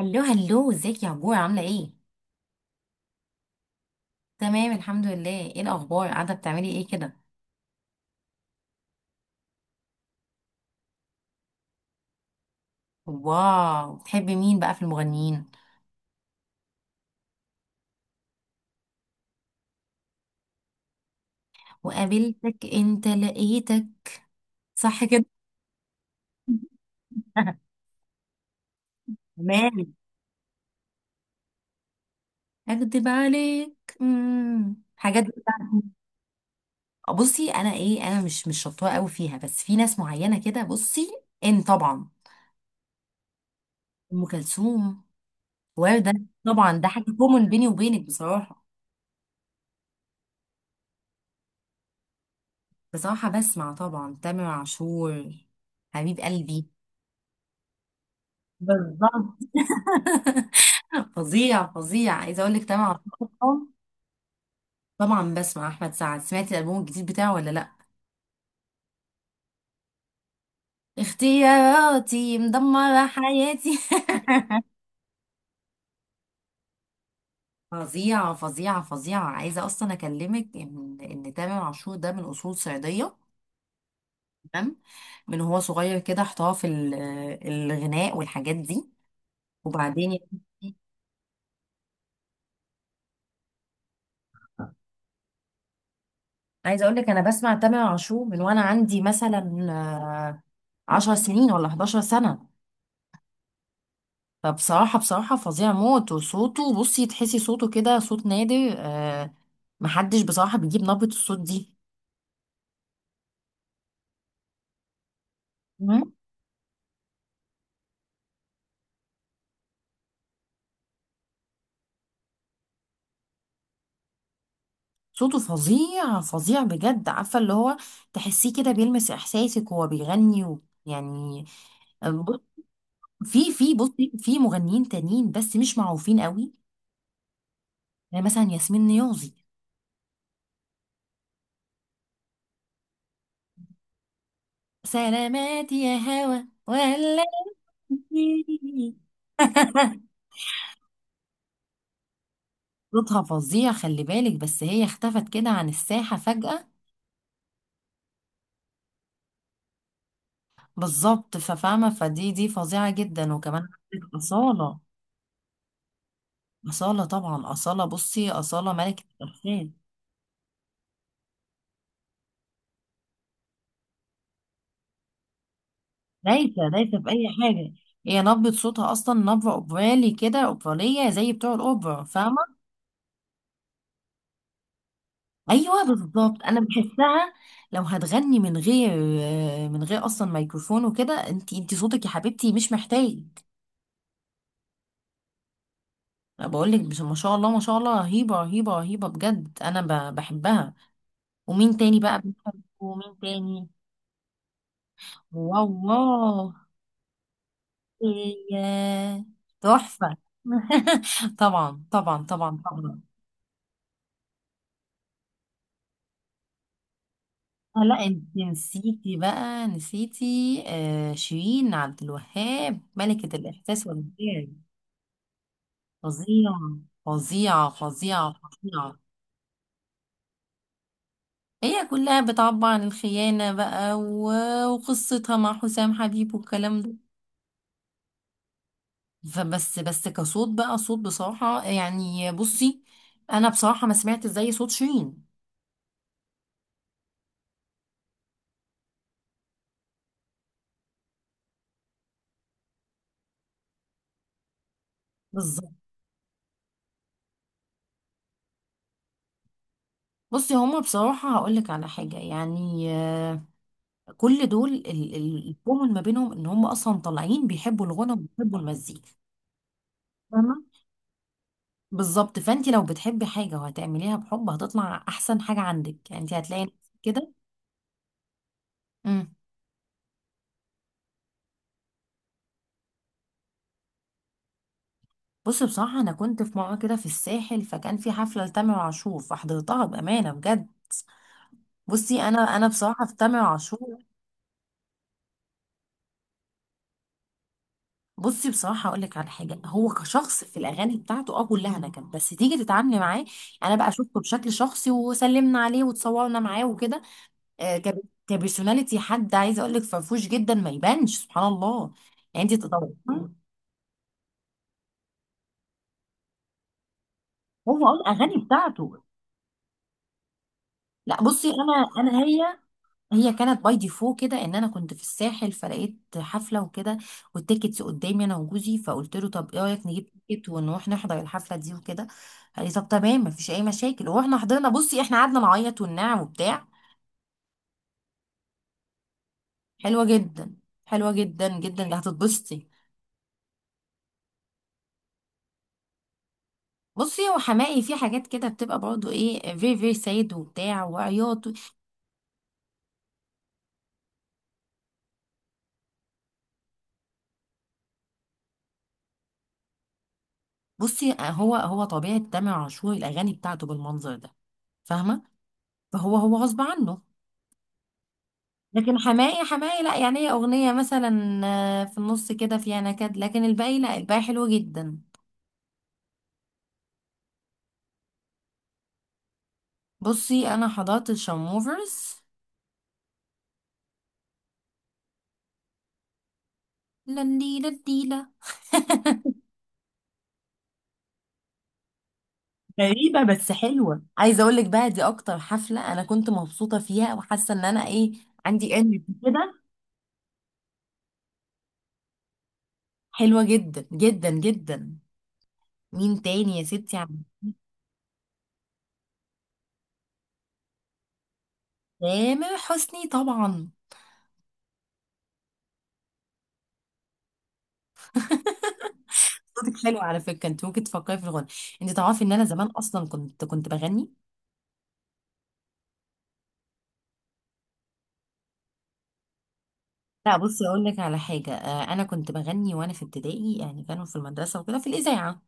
هلو هلو، ازيك يا عبور؟ عاملة ايه؟ تمام، الحمد لله. ايه الأخبار؟ قاعدة بتعملي ايه كده؟ واو، بتحبي مين بقى في المغنيين؟ وقابلتك؟ انت لقيتك، صح كده؟ تمام. اكدب عليك؟ حاجات بتاعتي. بصي، انا ايه، انا مش شطوره قوي فيها، بس في ناس معينه كده. بصي، ان طبعا. ام كلثوم، ورده. طبعا ده حاجه كومن بيني وبينك بصراحه. بصراحه بسمع طبعا تامر عاشور، حبيب قلبي. بالظبط. فظيع فظيع، عايزه اقول لك طبعا. طبعا بسمع احمد سعد. سمعتي الالبوم الجديد بتاعه ولا لا؟ اختياراتي مدمره حياتي. فظيعه فظيعه فظيعه. عايزه اصلا اكلمك ان تامر عاشور ده من اصول صعيديه. تمام. من هو صغير كده احتراف الغناء والحاجات دي. وبعدين يعني. عايزه اقول لك انا بسمع تامر عاشور من وانا عندي مثلا آه، 10 سنين ولا 11 سنه. فبصراحة فظيع موت. وصوته، بصي، تحسي صوته كده صوت نادر. محدش بصراحة بيجيب نبرة الصوت دي. تمام؟ صوته فظيع فظيع بجد. عارفة، اللي هو تحسيه كده بيلمس إحساسك وهو بيغني و يعني آه، ب- في في بصي في مغنيين تانيين بس مش معروفين قوي. زي مثلا ياسمين نيازي، سلامات يا هوا ولا. صوتها فظيع، خلي بالك، بس هي اختفت كده عن الساحة فجأة. بالظبط. ففاهمة، فدي فظيعة جدا. وكمان عندك أصالة. أصالة طبعا. أصالة، بصي، أصالة ملكة الألحان. دايسة دايسة في أي حاجة. هي نبرة صوتها أصلا نبرة أوبرالي كده، أوبرالية زي بتوع الأوبرا، فاهمة. أيوة بالظبط، أنا بحسها لو هتغني من غير، من غير أصلا ميكروفون وكده. أنت صوتك يا حبيبتي مش محتاج. أنا بقول لك. ما شاء الله ما شاء الله، رهيبة رهيبة رهيبة بجد. أنا بحبها. ومين تاني بقى بنحبه؟ ومين تاني؟ والله، إيه، تحفة. طبعا طبعا طبعا طبعا. لا انت نسيتي بقى، نسيتي آه شيرين عبد الوهاب، ملكة الإحساس والإبداع. فظيعة فظيعة فظيعة فظيعة. هي كلها بتعبر عن الخيانة بقى وقصتها مع حسام حبيب والكلام ده. فبس كصوت بقى، صوت بصراحة، يعني، بصي، أنا بصراحة ما سمعت زي صوت شيرين. بالظبط. بصي، هما بصراحة هقولك على حاجة، يعني كل دول، الكومن ما بينهم ان هما اصلا طالعين بيحبوا الغنى وبيحبوا المزيكا. فاهمة. بالظبط. فانت لو بتحبي حاجة وهتعمليها بحب، هتطلع احسن حاجة عندك، يعني انت هتلاقي نفسك كده. امم بصي بصراحة انا كنت في مرة كده في الساحل، فكان في حفلة لتامر عاشور فحضرتها، بأمانة بجد. بصي انا بصراحة في تامر عاشور. بصي بصراحة أقول لك على حاجة، هو كشخص في الأغاني بتاعته كلها نكد، بس تيجي تتعاملي معاه، أنا بقى شفته بشكل شخصي وسلمنا عليه وتصورنا معاه وكده. آه، كب- كبرسوناليتي، حد عايزة أقول لك فرفوش جدا، ما يبانش، سبحان الله. يعني أنت تدوري. هو الأغاني بتاعته، لا بصي، أنا هي هي كانت باي ديفو كده، ان انا كنت في الساحل فلقيت حفله وكده، والتيكتس قدامي انا وجوزي، فقلت له طب ايه رايك نجيب تيكت ونروح نحضر الحفله دي وكده. قال لي طب تمام، مفيش اي مشاكل. ورحنا حضرنا. بصي احنا قعدنا نعيط وننعم وبتاع. حلوه جدا، حلوه جدا جدا، اللي هتتبسطي. بصي هو حماقي في حاجات كده بتبقى برضه ايه، فيري فيري سيد وبتاع وعياط. بصي هو طبيعه تامر عاشور الاغاني بتاعته بالمنظر ده، فاهمه. فهو هو غصب عنه. لكن حماقي حماقي لا، يعني هي اغنيه مثلا في النص كده فيها نكد، لكن الباقي لا، الباقي حلو جدا. بصي انا حضرت الشموفرز، لنديلا لنديلا. غريبة بس حلوة. عايزة اقول لك بقى، دي اكتر حفلة انا كنت مبسوطة فيها وحاسة ان انا ايه، عندي انرجي كده. حلوة جدا جدا جدا. مين تاني يا ستي عم؟ تامر حسني طبعا. صوتك حلو على فكرة، انت ممكن تفكري في الغنى. انت تعرفي ان انا زمان اصلا كنت بغني. لا بصي اقول لك على حاجه، انا كنت بغني وانا في ابتدائي، يعني كانوا في المدرسه وكده في الاذاعه.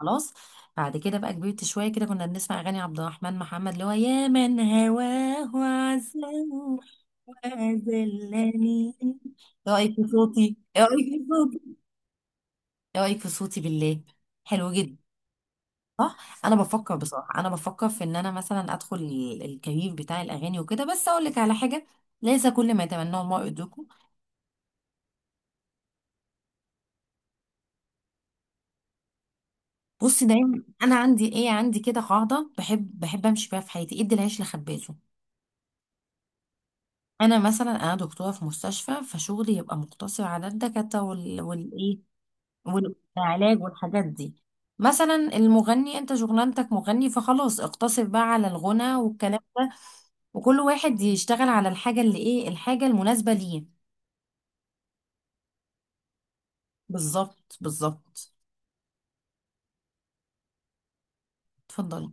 خلاص. بعد كده بقى كبرت شويه كده، كنا بنسمع اغاني عبد الرحمن محمد، اللي هو يا من هواه عزاه وذلني. ايه رايك في صوتي؟ ايه رايك في صوتي؟ ايه رايك في صوتي بالله؟ حلو جدا. صح، انا بفكر بصراحه، انا بفكر في ان انا مثلا ادخل الكارير بتاع الاغاني وكده، بس اقول لك على حاجه، ليس كل ما يتمناه المرء يدركه. بصي دايما انا عندي ايه، عندي كده قاعده بحب امشي بيها في حياتي، ادي العيش لخبازه. انا مثلا، دكتوره في مستشفى، فشغلي يبقى مقتصر على الدكاتره والايه، والعلاج والحاجات دي. مثلا المغني، انت شغلانتك مغني، فخلاص اقتصر بقى على الغنى والكلام ده. وكل واحد يشتغل على الحاجه، اللي ايه، الحاجه المناسبه ليه. بالظبط بالظبط. اتفضلي.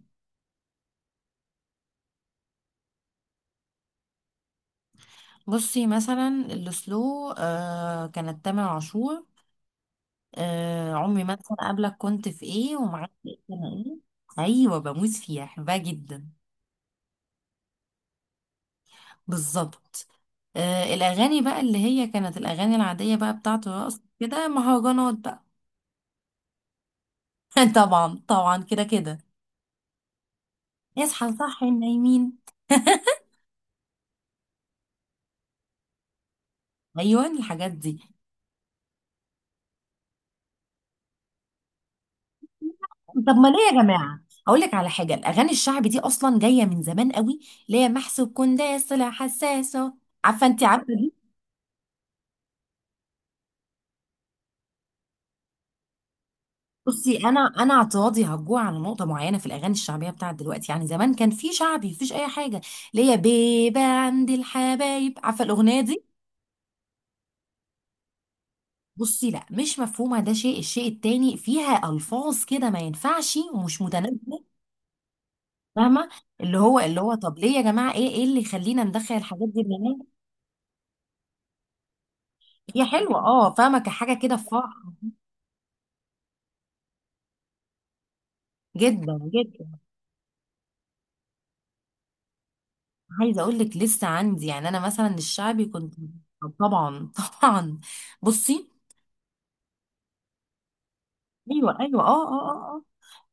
بصي مثلا السلو، كانت تامر عاشور، آه عمري ما انسى، انا قبلك كنت في ايه ومعاك في ايه انا ايه. ايوه، بموت فيها، احبها جدا. بالظبط. آه الاغاني بقى اللي هي كانت الاغاني العاديه بقى بتاعته، رقص كده، مهرجانات بقى. طبعا طبعا كده كده. اصحى صحي النايمين. ايوه، الحاجات دي. طب ما ليه يا جماعه؟ اقول لك على حاجه، الاغاني الشعبي دي اصلا جايه من زمان قوي، اللي هي محسوب كنداس طلع حساسه، عارفه انت، عارفه. بصي انا اعتراضي هرجع على نقطه معينه في الاغاني الشعبيه بتاعت دلوقتي. يعني زمان كان في شعبي مفيش اي حاجه، اللي هي بيبه عند الحبايب، عارفه الاغنيه دي. بصي لا، مش مفهومه ده شيء، الشيء التاني فيها الفاظ كده ما ينفعش ومش متناسبه. فاهمه. اللي هو طب ليه يا جماعه؟ ايه اللي يخلينا ندخل الحاجات دي من. هي حلوه، فاهمه، كحاجه كده في فرح، جدا جدا. عايزه اقول لك لسه عندي، يعني انا مثلا الشعبي كنت، طبعا. طبعا. بصي، ايوه ايوه، اه اه اه اه.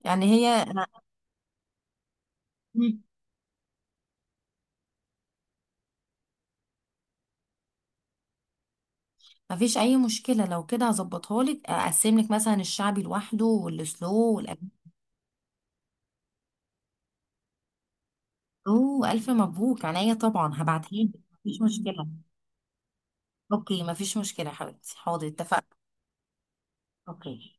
يعني هي مم. مفيش اي مشكله، لو كده هظبطها لك، اقسم لك مثلا الشعبي لوحده والسلو والأجنبي. اوه، الف مبروك، عينيا طبعا هبعتها لك، مفيش مشكله. اوكي، مفيش مشكله يا حبيبتي، حاضر، اتفقنا. اوكي.